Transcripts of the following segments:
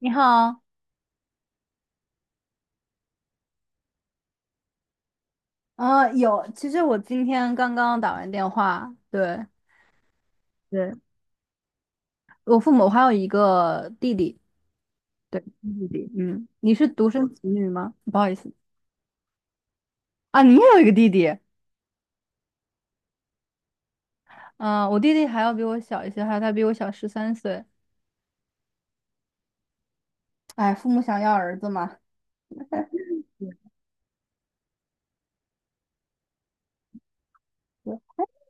你好。有，其实我今天刚刚打完电话，对，对，我父母还有一个弟弟。对，弟弟。嗯，你是独生子女吗？不好意思。啊，你也有一个弟弟。嗯、我弟弟还要比我小一些，还有他比我小13岁。哎，父母想要儿子嘛。对，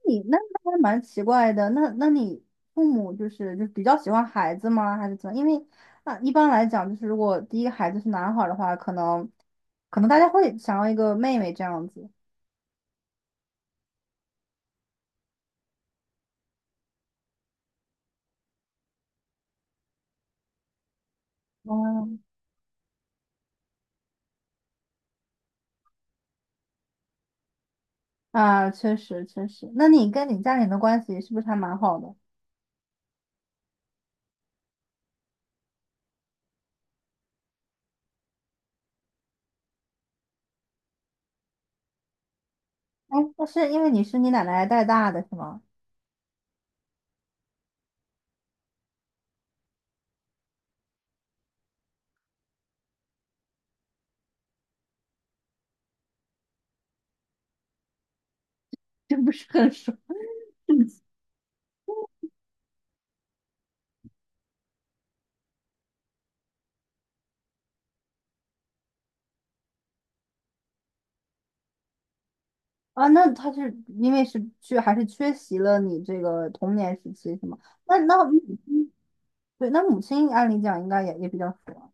你那那还蛮奇怪的，那你父母就是就比较喜欢孩子吗？还是怎么？因为那一般来讲，就是如果第一个孩子是男孩儿的话，可能可能大家会想要一个妹妹这样子。嗯。啊，确实确实。那你跟你家人的关系是不是还蛮好的？哎，那是因为你是你奶奶带大的是吗？这不是很熟。啊？那他是因为是缺还是缺席了你这个童年时期是吗？那母亲对，那母亲按理讲应该也也比较熟。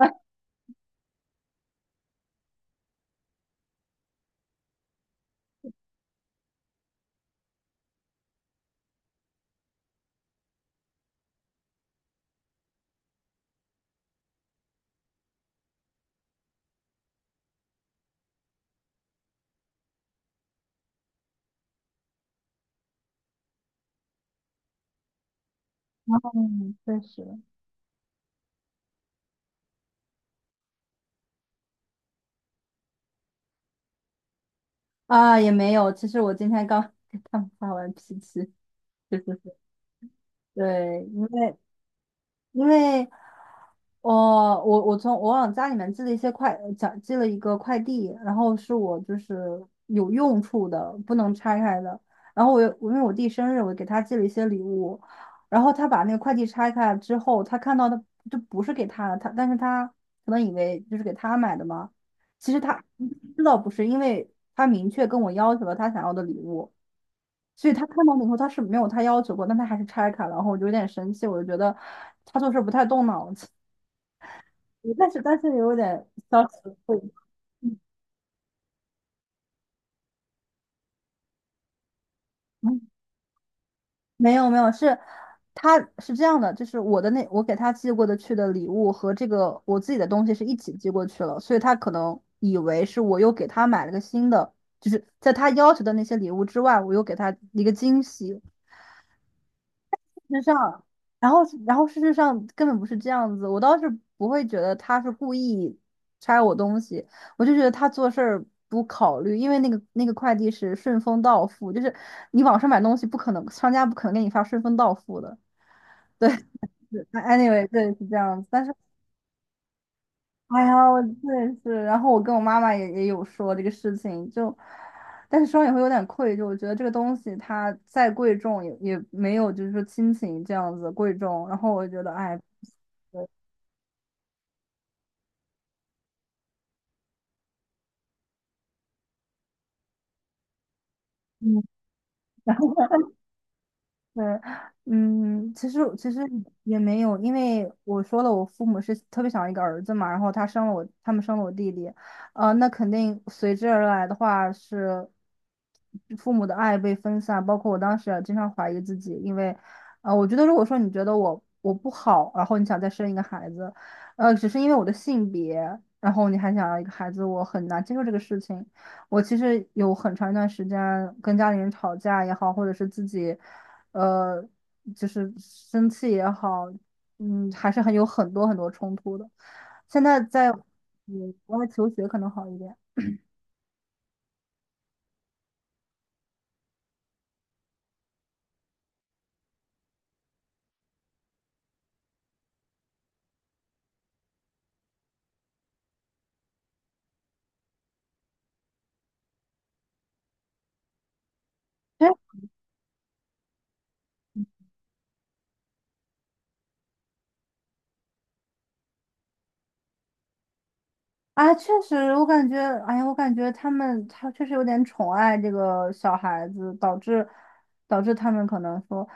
啊。嗯，确实。啊，也没有。其实我今天刚 给他们发完脾气，是是是，对，因为因为我从我往家里面寄了一些快，寄了一个快递，然后是我就是有用处的，不能拆开的。然后我又因为我弟生日，我给他寄了一些礼物，然后他把那个快递拆开之后，他看到的就不是给他的，他但是他可能以为就是给他买的嘛，其实他知道不是，因为他明确跟我要求了他想要的礼物，所以他看到了以后，他是没有他要求过，但他还是拆开了，然后我就有点生气，我就觉得他做事不太动脑子，但是也有点小极。会，嗯，没有没有，是他是这样的，就是我的那我给他寄过的去的礼物和这个我自己的东西是一起寄过去了，所以他可能以为是我又给他买了个新的，就是在他要求的那些礼物之外，我又给他一个惊喜。事实上，然后然后事实上根本不是这样子，我倒是不会觉得他是故意拆我东西，我就觉得他做事儿不考虑，因为那个快递是顺丰到付，就是你网上买东西不可能，商家不可能给你发顺丰到付的。对，是，anyway, 对是这样子，但是哎呀，我对是，然后我跟我妈妈也也有说这个事情，就。但是双也会有点愧疚，我觉得这个东西它再贵重也也没有，就是说亲情这样子贵重。然后我觉得，哎，嗯，然后是，嗯，其实其实也没有，因为我说了，我父母是特别想要一个儿子嘛，然后他生了我，他们生了我弟弟。那肯定随之而来的话是父母的爱被分散，包括我当时也经常怀疑自己，因为，我觉得如果说你觉得我我不好，然后你想再生一个孩子，只是因为我的性别，然后你还想要一个孩子，我很难接受这个事情。我其实有很长一段时间跟家里人吵架也好，或者是自己，呃，就是生气也好，嗯，还是很有很多很多冲突的。现在在嗯国外求学可能好一点。啊，确实，我感觉，哎呀，我感觉他们他确实有点宠爱这个小孩子，导致导致他们可能说，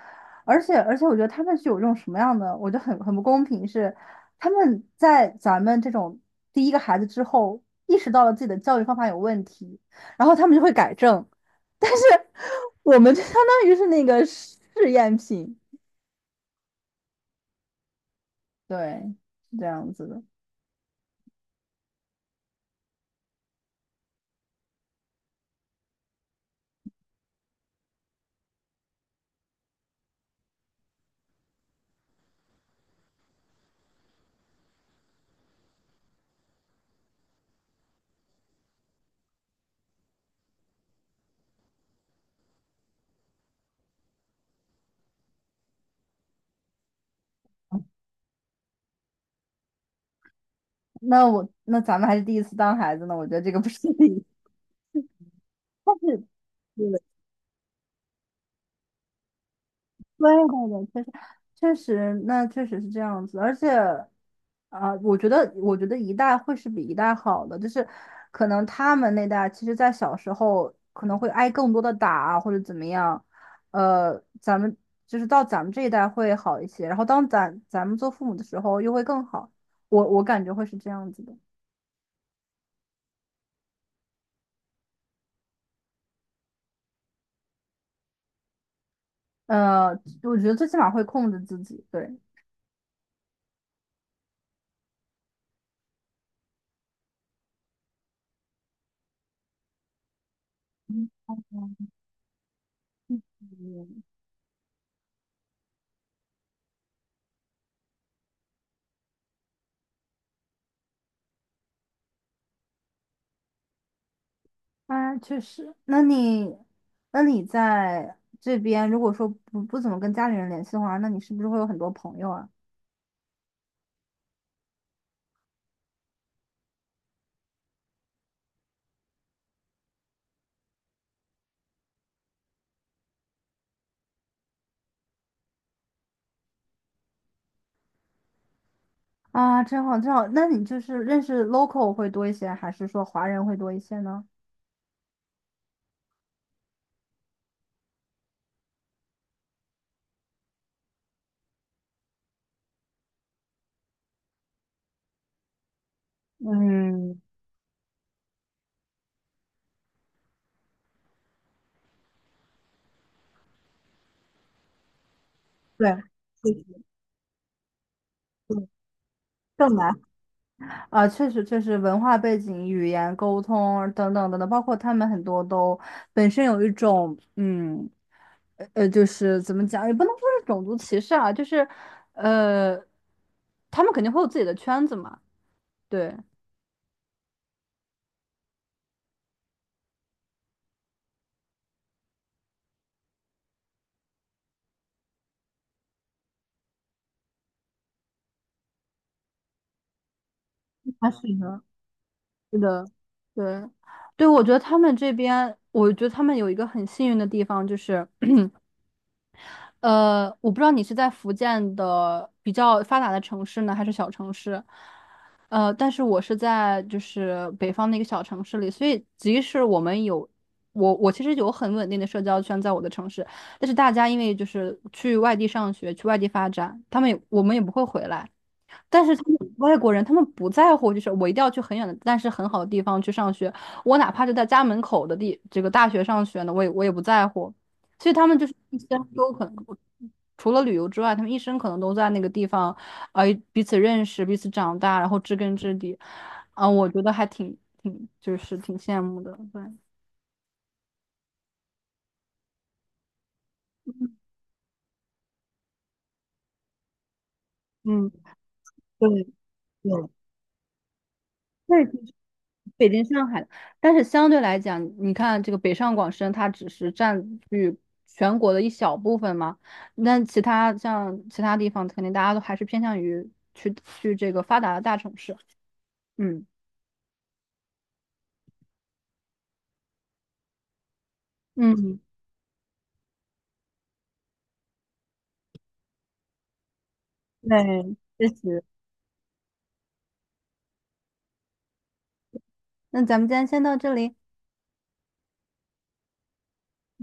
而且，我觉得他们是有这种什么样的，我觉得很很不公平是，他们在咱们这种第一个孩子之后，意识到了自己的教育方法有问题，然后他们就会改正，但是我们就相当于是那个试验品，对，是这样子的。那我那咱们还是第一次当孩子呢，我觉得这个不是第一，但是。对对对，确实确实，那确实是这样子，而且，我觉得我觉得一代会是比一代好的，就是可能他们那代，其实在小时候可能会挨更多的打啊或者怎么样，咱们就是到咱们这一代会好一些，然后当咱们做父母的时候又会更好，我我感觉会是这样子的。呃，我觉得最起码会控制自己，对。啊，确实。那你，那你在这边，如果说不不怎么跟家里人联系的话，那你是不是会有很多朋友啊？啊，真好，真好。那你就是认识 local 会多一些，还是说华人会多一些呢？嗯，对，更难。啊，确实，确实，文化背景、语言、沟通等等等等，包括他们很多都本身有一种，嗯，就是怎么讲，也不能说是种族歧视啊，就是，呃，他们肯定会有自己的圈子嘛，对，啊，是的。是的，对，对，我觉得他们这边，我觉得他们有一个很幸运的地方，就是。我不知道你是在福建的比较发达的城市呢，还是小城市。但是我是在就是北方的一个小城市里，所以即使我们有我我其实有很稳定的社交圈在我的城市，但是大家因为就是去外地上学，去外地发展，他们也我们也不会回来，但是他们外国人，他们不在乎，就是我一定要去很远的，但是很好的地方去上学，我哪怕就在家门口的地这个大学上学呢，我也我也不在乎。所以他们就是一生都可能，除了旅游之外，他们一生可能都在那个地方，呃，彼此认识，彼此长大，然后知根知底，我觉得还挺挺就是挺羡慕的，对。嗯，那。北京、上海，但是相对来讲，你看这个北上广深，它只是占据全国的一小部分嘛。那其他像其他地方，肯定大家都还是偏向于去去这个发达的大城市。嗯。嗯，对，确实。那咱们今天先到这里。拜拜。